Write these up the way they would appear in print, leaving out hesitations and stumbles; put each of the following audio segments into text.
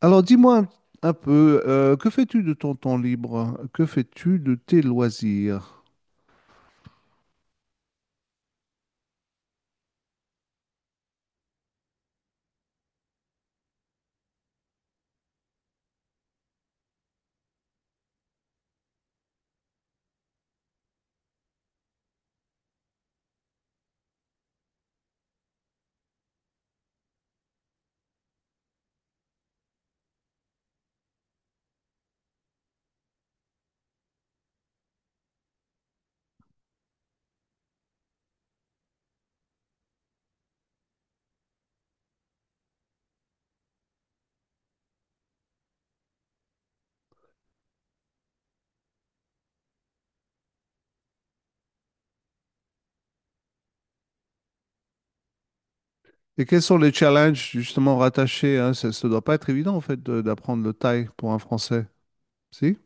Alors dis-moi un peu, que fais-tu de ton temps libre? Que fais-tu de tes loisirs? Et quels sont les challenges justement rattachés, hein? Ça ne doit pas être évident en fait d'apprendre le thaï pour un Français, si?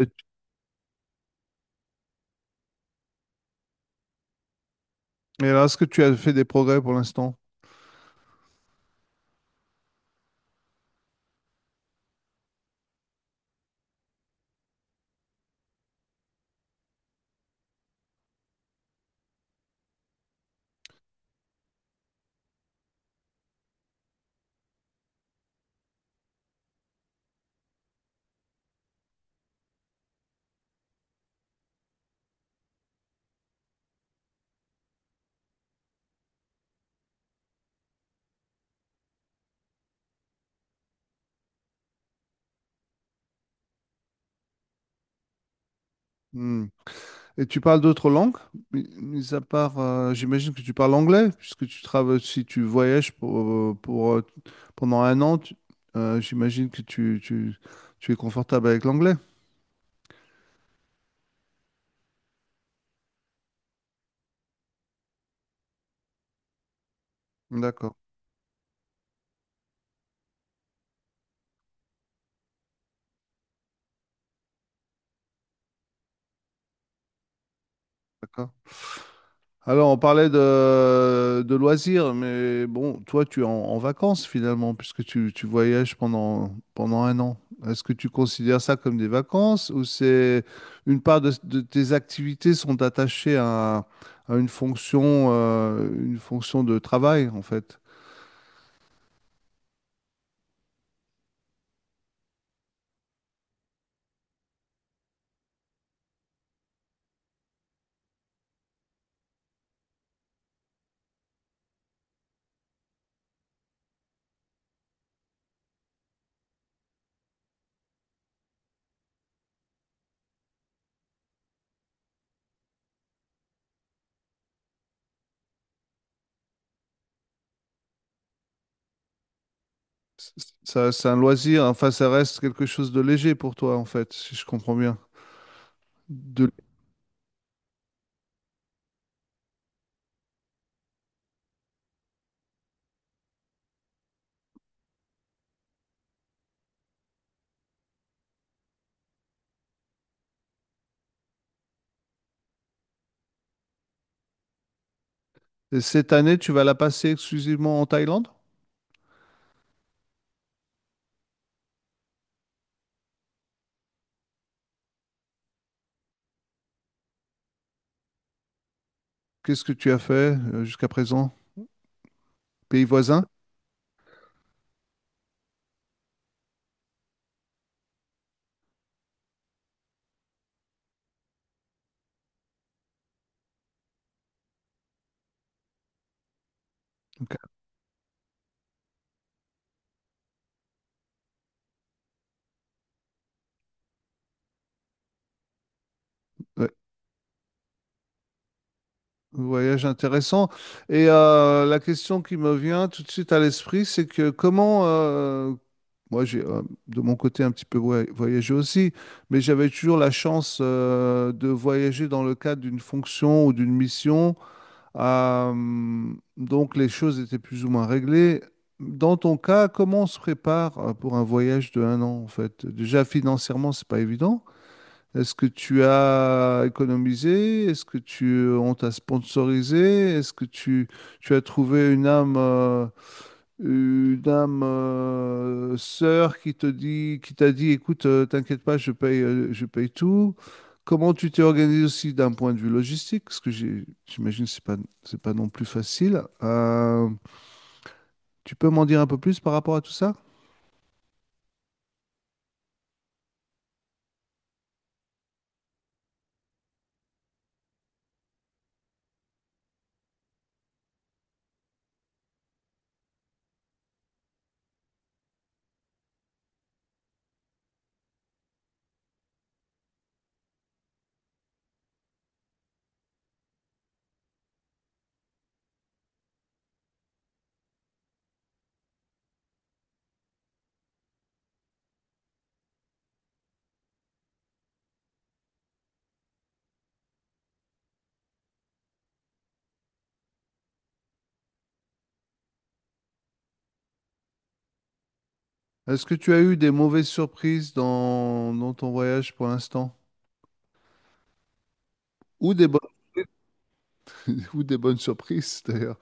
Et alors, est-ce que tu as fait des progrès pour l'instant? Hmm. Et tu parles d'autres langues? Mis à part, j'imagine que tu parles anglais, puisque tu travailles, si tu voyages pour, euh, pour, euh, pendant un an, j'imagine que tu es confortable avec l'anglais. D'accord, d'accord. Alors, on parlait de loisirs, mais bon, toi, tu es en, en vacances finalement, puisque tu, tu voyages pendant, pendant un an. Est-ce que tu considères ça comme des vacances ou c'est une part de tes activités sont attachées à une fonction de travail, en fait? C- Ça, c'est un loisir, enfin, ça reste quelque chose de léger pour toi, en fait, si je comprends bien. De... Et cette année, tu vas la passer exclusivement en Thaïlande? Qu'est-ce que tu as fait jusqu'à présent? Pays voisin? Ouais, voyage intéressant. Et la question qui me vient tout de suite à l'esprit, c'est que comment, moi j'ai de mon côté un petit peu voyagé aussi, mais j'avais toujours la chance de voyager dans le cadre d'une fonction ou d'une mission. Euh, donc les choses étaient plus ou moins réglées. Dans ton cas, comment on se prépare pour un voyage de un an en fait? Déjà financièrement, c'est pas évident. Est-ce que tu as économisé? Est-ce que tu, on t'a sponsorisé? Est-ce que tu as trouvé une âme sœur qui te dit, qui t'a dit, écoute, t'inquiète pas, je paye tout. Comment tu t'es organisé aussi d'un point de vue logistique? Parce que j'imagine que c'est pas non plus facile. Tu peux m'en dire un peu plus par rapport à tout ça? Est-ce que tu as eu des mauvaises surprises dans, dans ton voyage pour l'instant? Ou des bonnes ou des bonnes surprises, d'ailleurs.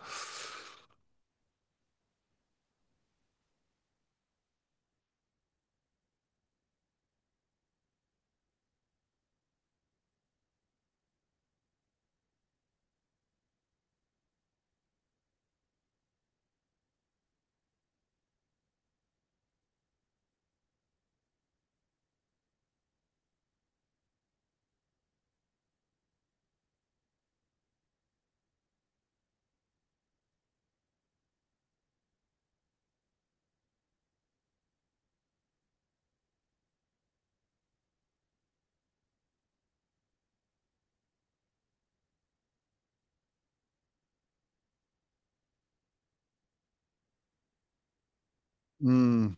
Hmm.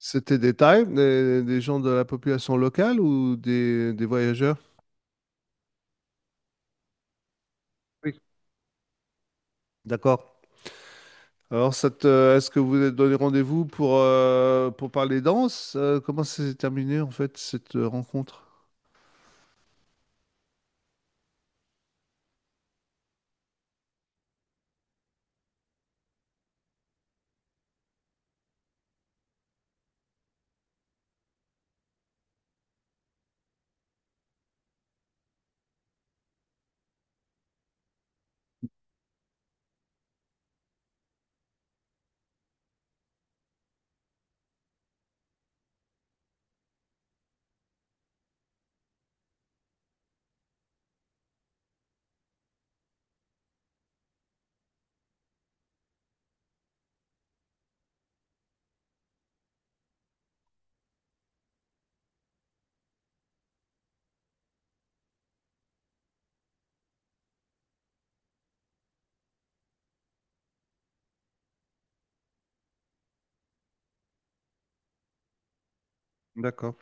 C'était des Thaïs, des gens de la population locale ou des voyageurs? Oui. D'accord. Alors, est-ce que vous vous êtes donné rendez-vous pour parler danse? Comment ça s'est terminé en fait cette rencontre? D'accord.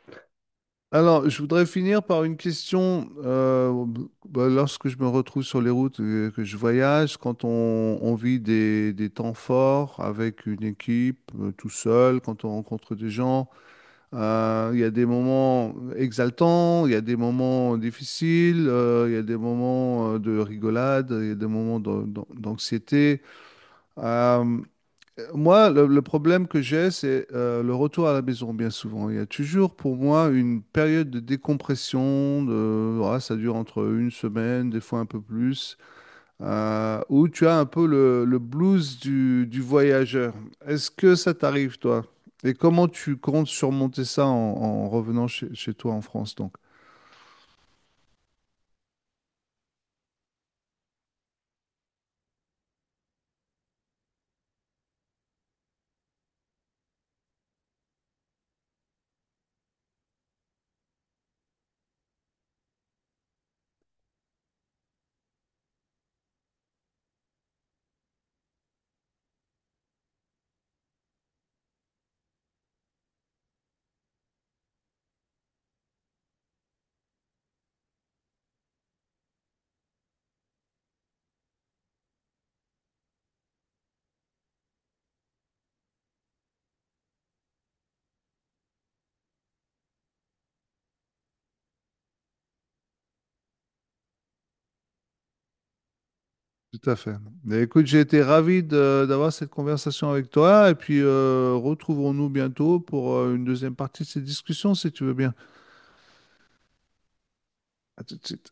Alors, je voudrais finir par une question. Lorsque je me retrouve sur les routes, que je voyage, quand on vit des temps forts avec une équipe, tout seul, quand on rencontre des gens, il y a des moments exaltants, il y a des moments difficiles, il y a des moments de rigolade, il y a des moments d'anxiété. Euh, Moi, le problème que j'ai, c'est le retour à la maison, bien souvent. Il y a toujours pour moi une période de décompression, de, ouais, ça dure entre une semaine, des fois un peu plus, où tu as un peu le blues du voyageur. Est-ce que ça t'arrive, toi? Et comment tu comptes surmonter ça en, en revenant chez, chez toi en France, donc? Tout à fait. Mais écoute, j'ai été ravi d'avoir cette conversation avec toi et puis retrouvons-nous bientôt pour une deuxième partie de cette discussion, si tu veux bien. À tout de suite.